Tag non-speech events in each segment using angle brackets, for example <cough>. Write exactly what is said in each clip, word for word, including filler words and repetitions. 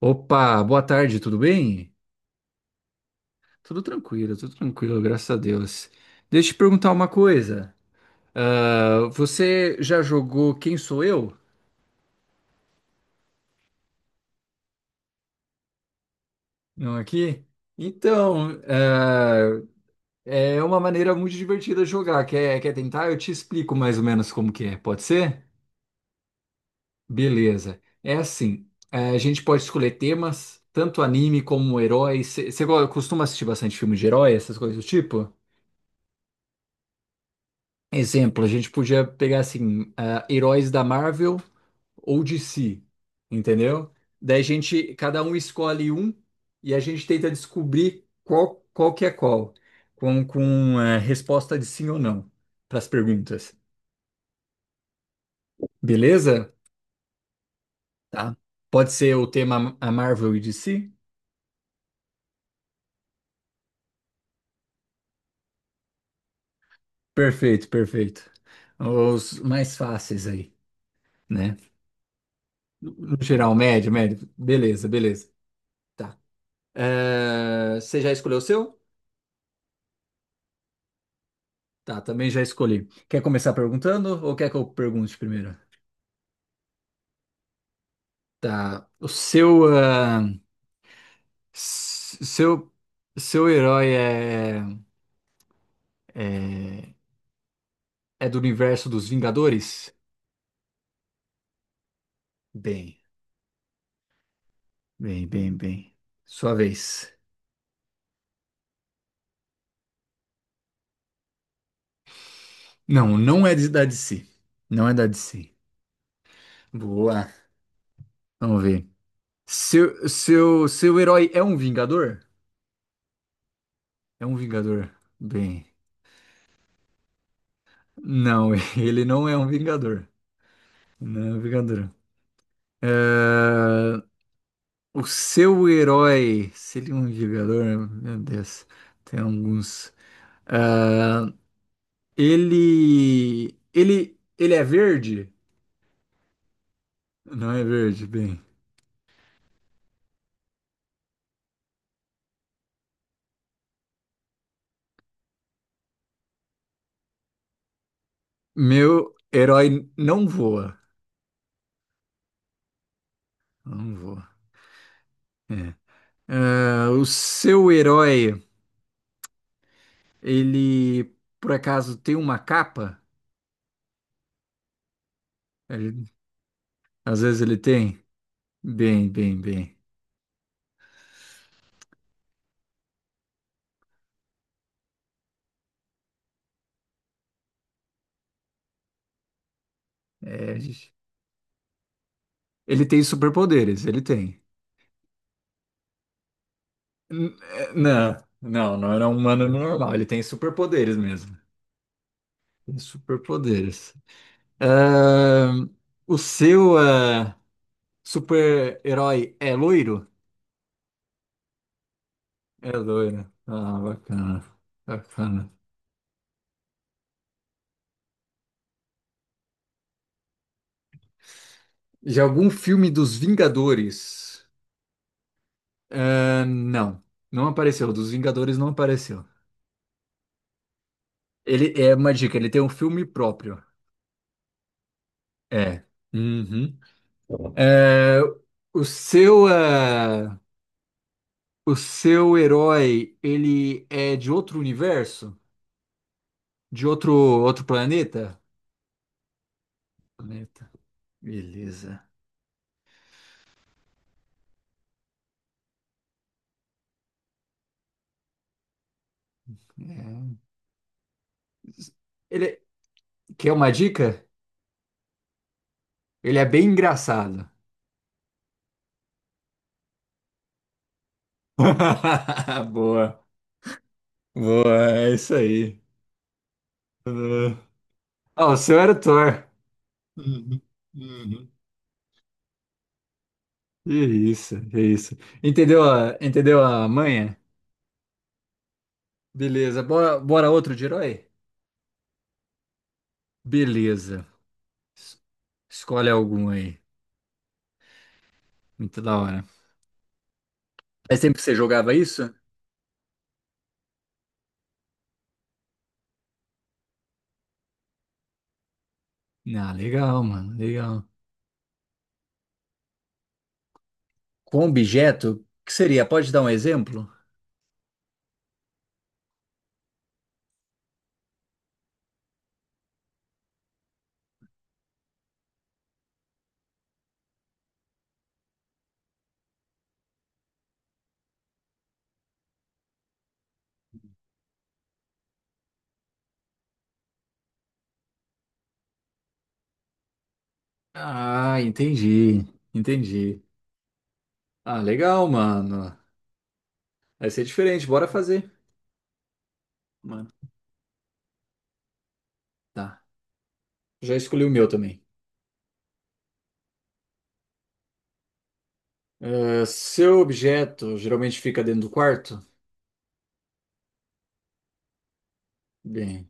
Opa, boa tarde, tudo bem? Tudo tranquilo, tudo tranquilo, graças a Deus. Deixa eu te perguntar uma coisa. Ah, você já jogou Quem Sou Eu? Não aqui? Então, ah, é uma maneira muito divertida de jogar. Quer, quer tentar? Eu te explico mais ou menos como que é, pode ser? Beleza. É assim, eh, a gente pode escolher temas, tanto anime como heróis. Você costuma assistir bastante filme de herói, essas coisas do tipo? Exemplo, a gente podia pegar assim, ah, heróis da Marvel ou D C, entendeu? Daí a gente, cada um escolhe um e a gente tenta descobrir qual, qual que é qual, com, com eh, resposta de sim ou não para as perguntas. Beleza? Tá. Pode ser o tema a Marvel e D C? Perfeito, perfeito. Os mais fáceis aí, né? No no geral, médio, médio. Beleza, beleza. Tá. Eh, você já escolheu o seu? Tá, também já escolhi. Quer começar perguntando ou quer que eu pergunte primeiro? Tá. O seu, ah, s- seu, seu herói é, é, é do universo dos Vingadores? Bem, bem, bem, bem. Sua vez. Não, não é de- da D C. Não é da D C. Boa. Vamos ver. Seu, seu, seu herói é um Vingador? É um Vingador. Bem, não, <laughs> ele não é um Vingador. Não é um Vingador. É, o seu herói seria um jogador? Meu Deus, tem alguns. Ah, ele, ele, ele é verde? Não é verde, bem. Meu herói não voa. Não voa. É. Ah, o seu herói, ele por acaso tem uma capa? Ele- às vezes ele tem. Bem, bem, bem. É, ele tem superpoderes, ele tem. N- é, Não, não, não era um humano normal. Ele tem superpoderes mesmo. Tem superpoderes. Ahn, o seu ah, Super-herói é loiro? É loiro. Ah, bacana. Bacana. De algum filme dos Vingadores? Ahn, não, não apareceu. Dos Vingadores não apareceu. Ele é uma dica, ele tem um filme próprio. É. Uhum. É, o seu. eh, O seu herói, ele é de outro universo? De outro outro planeta? Planeta. Beleza. É. Ele quer uma dica? Ele é bem engraçado. <laughs> Boa, boa, é isso aí. Uhum. Ah, o seu era o Thor. Uhum. Uhum. Que isso, que isso. Entendeu a, entendeu a manha? Beleza. Bora, bora outro de herói? Beleza. Es- Escolhe algum aí. Muito da hora. Mas sempre que você jogava isso? Ah, legal, mano, legal. Com objeto? O que seria? Pode dar um exemplo? Ah, entendi, entendi. Ah, legal, mano. Vai ser diferente, bora fazer. Mano, tá. Já escolhi o meu também. Ah, seu objeto geralmente fica dentro do quarto? Bem,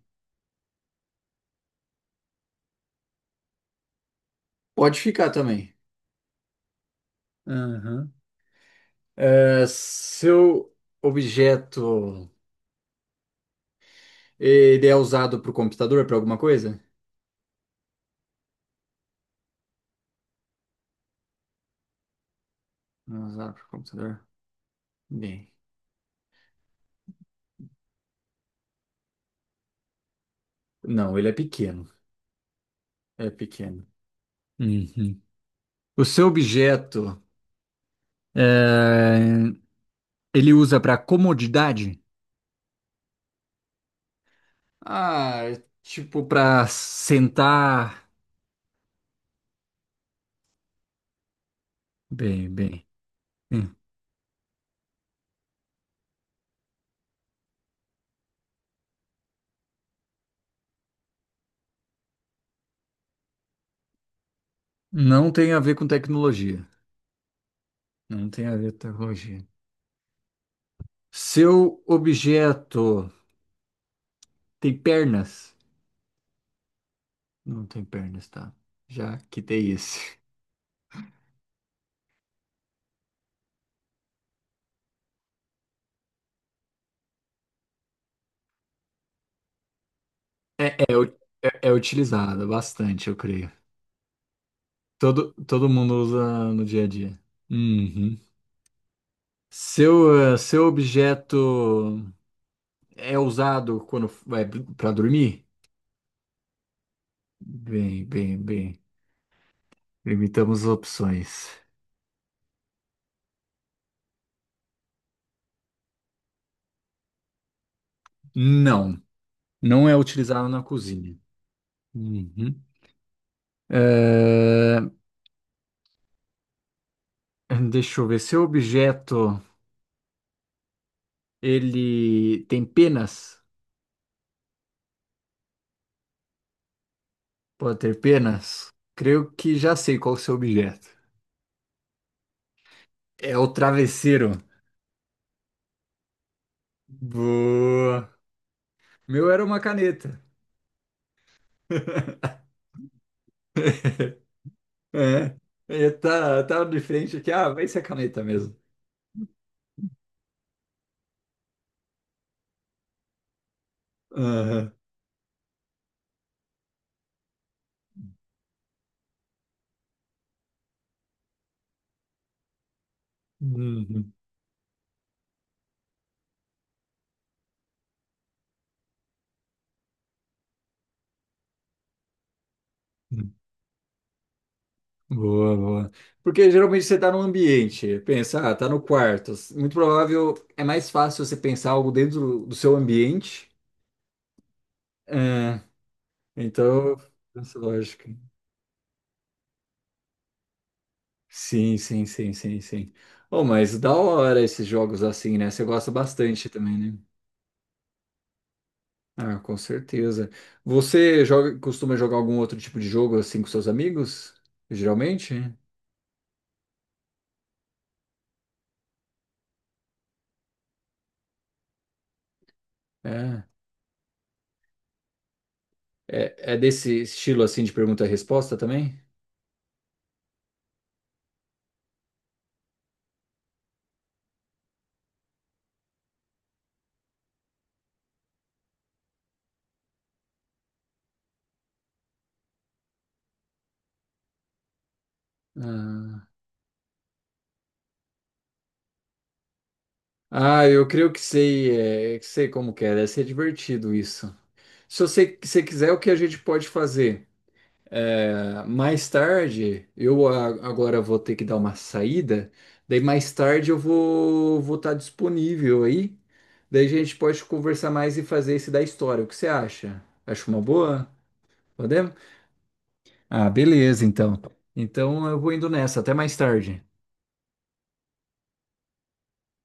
pode ficar também. Aham. Ah, seu objeto, ele é usado para o computador, para alguma coisa Não é usado para o computador. Bem, não, ele é pequeno. É pequeno. Uhum. O seu objeto, é, ele usa para comodidade? Ah, é tipo para sentar. Bem, bem. Hum. Não tem a ver com tecnologia. Não tem a ver com tecnologia. Seu objeto tem pernas? Não tem pernas, tá? Já quitei esse. É, u- é, é utilizado bastante, eu creio. Todo, todo mundo usa no dia a dia. Uhum. Seu, eh, seu objeto é usado quando vai para dormir? Bem, bem, bem. Limitamos as opções. Não, não é utilizado na cozinha. Uhum. Eh, <clears throat> deixa eu ver. Seu objeto, ele tem penas? Pode ter penas? Creio que já sei qual é o seu objeto. É o travesseiro. Boa. Meu era uma caneta. <laughs> É. E tá, tá de frente aqui, ah, vai ser a caneta mesmo. Aham. Uhum. Boa, boa. Porque geralmente você tá no ambiente, pensa, ah, tá no quarto. Muito provável, é mais fácil você pensar algo dentro do seu ambiente. É, então, essa lógica. Sim, sim, sim, sim, sim. Oh, mas da hora esses jogos assim, né? Você gosta bastante também, né? Ah, com certeza. Você joga, costuma jogar algum outro tipo de jogo assim com seus amigos? Geralmente? É, é, é desse estilo assim de pergunta e resposta também? Ah, ah, eu creio que sei, é, que sei como que é, deve ser divertido isso. Se você, se quiser, o que a gente pode fazer? É, mais tarde, eu a- agora vou ter que dar uma saída, daí mais tarde eu vou vou estar disponível aí, daí a gente pode conversar mais e fazer esse da história. O que você acha? Acho uma boa? Podemos? Ah, beleza, então. Então eu vou indo nessa, até mais tarde.